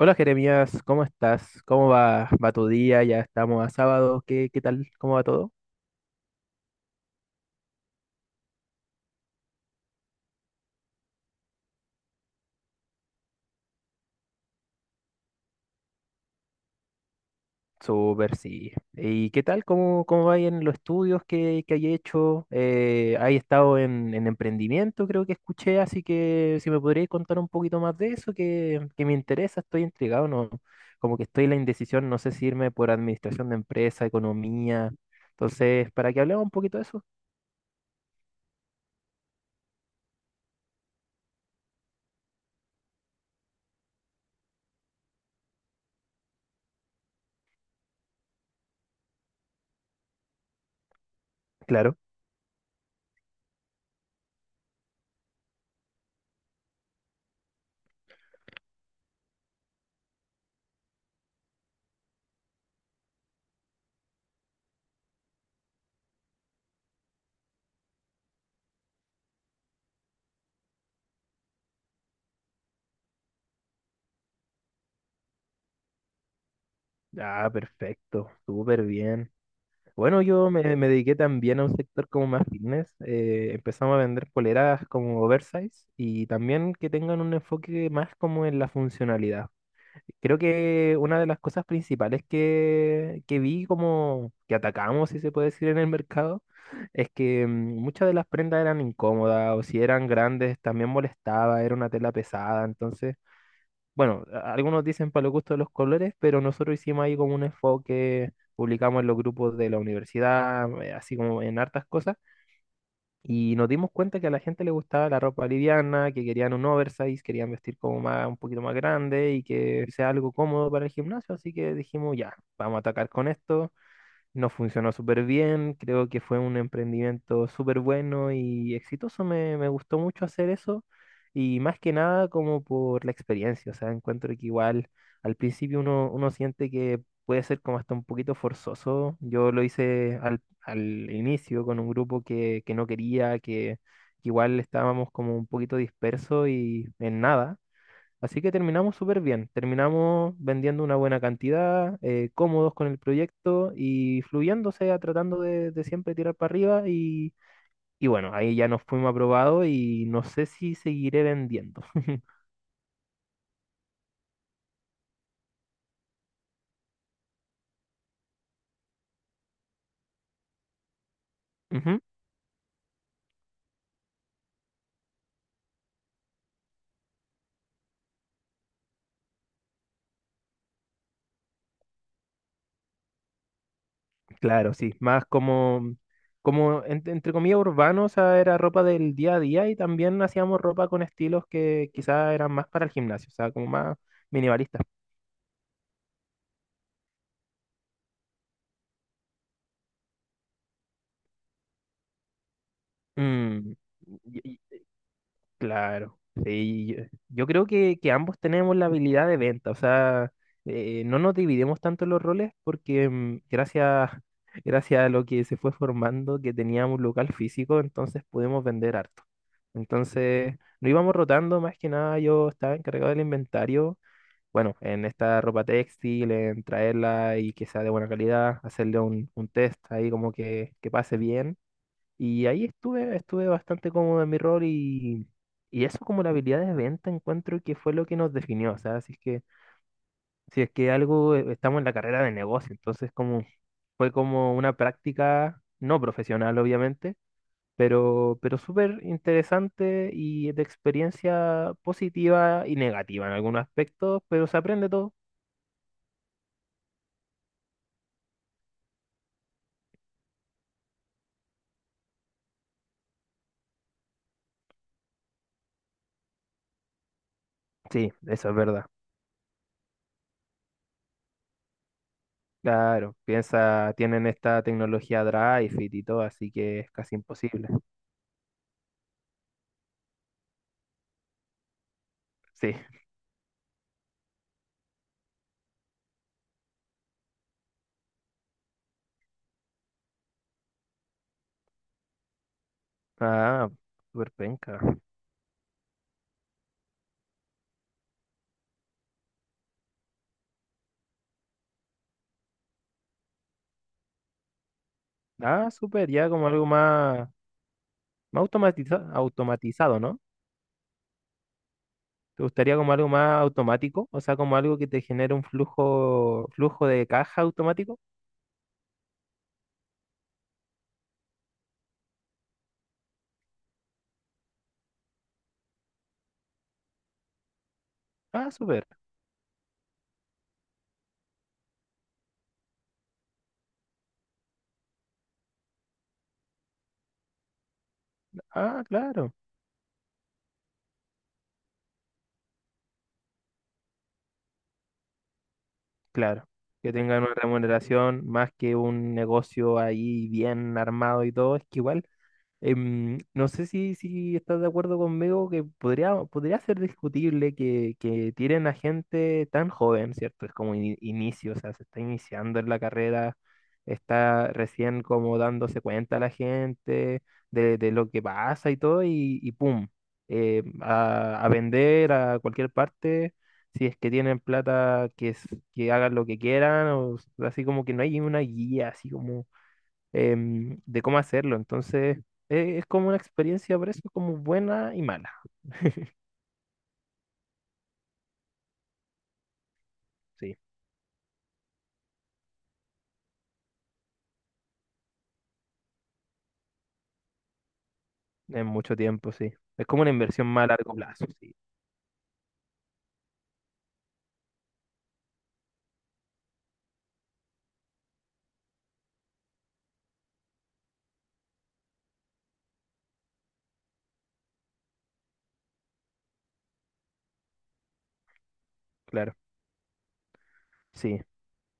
Hola Jeremías, ¿cómo estás? ¿Cómo va tu día? Ya estamos a sábado, ¿qué tal? ¿Cómo va todo? Súper, sí. ¿Y qué tal? ¿Cómo va ahí en los estudios que hay hecho? ¿Hay estado en emprendimiento? Creo que escuché, así que si me podrías contar un poquito más de eso, que me interesa, estoy intrigado, ¿no? Como que estoy en la indecisión, no sé si irme por administración de empresa, economía. Entonces, para que hablemos un poquito de eso. Claro. Ah, perfecto, súper bien. Bueno, yo me dediqué también a un sector como más fitness. Empezamos a vender poleras como oversize y también que tengan un enfoque más como en la funcionalidad. Creo que una de las cosas principales que vi como que atacamos, si se puede decir, en el mercado, es que muchas de las prendas eran incómodas o si eran grandes también molestaba, era una tela pesada. Entonces bueno, algunos dicen para los gustos de los colores, pero nosotros hicimos ahí como un enfoque, publicamos en los grupos de la universidad, así como en hartas cosas, y nos dimos cuenta que a la gente le gustaba la ropa liviana, que querían un oversize, querían vestir como más, un poquito más grande y que sea algo cómodo para el gimnasio, así que dijimos, ya, vamos a atacar con esto. Nos funcionó súper bien, creo que fue un emprendimiento súper bueno y exitoso, me gustó mucho hacer eso y más que nada como por la experiencia, o sea, encuentro que igual al principio uno siente que puede ser como hasta un poquito forzoso, yo lo hice al inicio con un grupo que no quería, que igual estábamos como un poquito dispersos y en nada. Así que terminamos súper bien, terminamos vendiendo una buena cantidad, cómodos con el proyecto y fluyendo, o sea, tratando de siempre tirar para arriba y bueno, ahí ya nos fuimos aprobados y no sé si seguiré vendiendo. Ujú. Claro, sí, más como, como entre comillas urbano, o sea, era ropa del día a día y también hacíamos ropa con estilos que quizás eran más para el gimnasio, o sea, como más minimalistas. Mm, y- Claro, sí, yo creo que ambos tenemos la habilidad de venta, o sea, no nos dividimos tanto los roles porque gracias, gracias a lo que se fue formando, que teníamos un local físico, entonces pudimos vender harto. Entonces, no íbamos rotando, más que nada yo estaba encargado del inventario, bueno, en esta ropa textil, en traerla y que sea de buena calidad, hacerle un test ahí como que pase bien y ahí estuve bastante cómodo en mi rol y eso como la habilidad de venta encuentro que fue lo que nos definió. O sea, si es que, si es que algo estamos en la carrera de negocio, entonces como fue como una práctica no profesional, obviamente, pero súper interesante y de experiencia positiva y negativa en algunos aspectos, pero se aprende todo. Sí, eso es verdad. Claro, piensa, tienen esta tecnología Drive It y todo, así que es casi imposible. Sí. Ah, súper penca. Ah, súper, ya como algo más, más automatizado, ¿no? ¿Te gustaría como algo más automático? O sea, como algo que te genere un flujo de caja automático. Ah, súper. Ah, claro. Que tengan una remuneración más que un negocio ahí bien armado y todo. Es que igual. No sé si, si estás de acuerdo conmigo que podría ser discutible que tiren a gente tan joven, ¿cierto? Es como inicio, o sea, se está iniciando en la carrera, está recién como dándose cuenta la gente de lo que pasa y todo, y ¡pum! A vender a cualquier parte, si es que tienen plata, que, que hagan lo que quieran, o así como que no hay una guía, así como de cómo hacerlo. Entonces, es como una experiencia, por eso, como buena y mala. Sí, en mucho tiempo, sí. Es como una inversión más a largo plazo, sí, claro. Sí,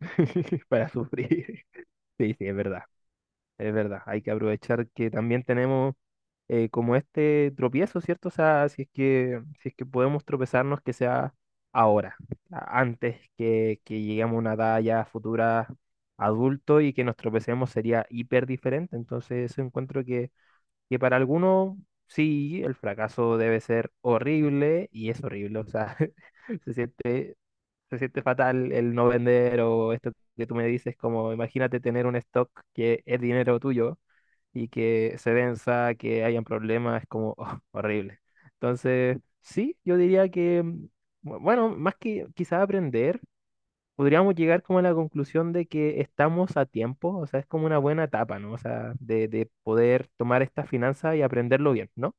para sufrir. Sí, es verdad, es verdad. Hay que aprovechar que también tenemos como este tropiezo, ¿cierto? O sea, si es que, si es que podemos tropezarnos, que sea ahora, antes que lleguemos a una edad ya futura adulto y que nos tropecemos sería hiper diferente. Entonces, eso encuentro que para algunos, sí, el fracaso debe ser horrible y es horrible, o sea, se siente, se siente fatal el no vender o esto que tú me dices, como imagínate tener un stock que es dinero tuyo y que se venza, que hayan problemas, es como oh, horrible. Entonces, sí, yo diría que, bueno, más que quizás aprender, podríamos llegar como a la conclusión de que estamos a tiempo, o sea, es como una buena etapa, ¿no? O sea, de poder tomar esta finanza y aprenderlo bien, ¿no?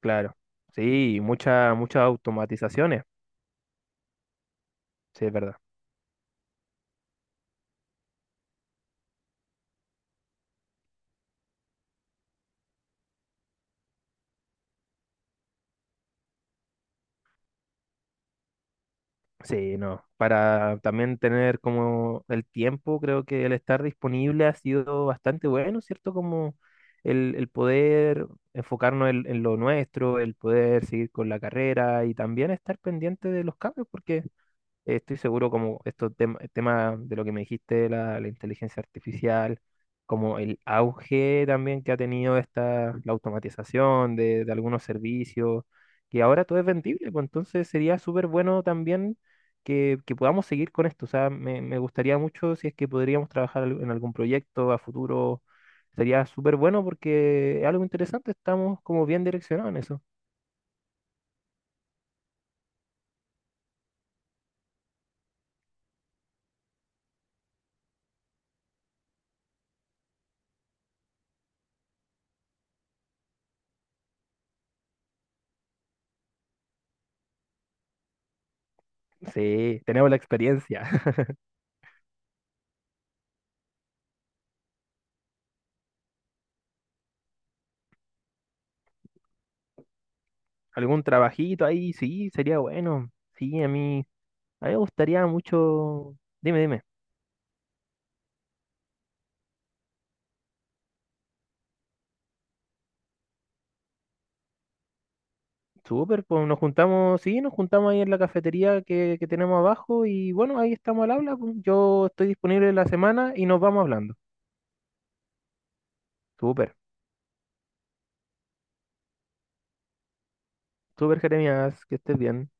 Claro. Sí, muchas muchas automatizaciones, sí, es verdad. Sí, no. Para también tener como el tiempo, creo que el estar disponible ha sido bastante bueno, ¿cierto? Como el poder enfocarnos en lo nuestro, el poder seguir con la carrera y también estar pendiente de los cambios, porque estoy seguro como estos el tema de lo que me dijiste, de la inteligencia artificial, como el auge también que ha tenido esta, la automatización de algunos servicios, que ahora todo es vendible, pues entonces sería súper bueno también que podamos seguir con esto. O sea, me gustaría mucho si es que podríamos trabajar en algún proyecto a futuro. Sería súper bueno porque es algo interesante, estamos como bien direccionados en eso. Sí, tenemos la experiencia. Algún trabajito ahí, sí, sería bueno. Sí, a mí me gustaría mucho. Dime. Súper, pues nos juntamos, sí, nos juntamos ahí en la cafetería que tenemos abajo y bueno, ahí estamos al habla. Pues. Yo estoy disponible la semana y nos vamos hablando. Súper, súper, Jeremías, que estés bien.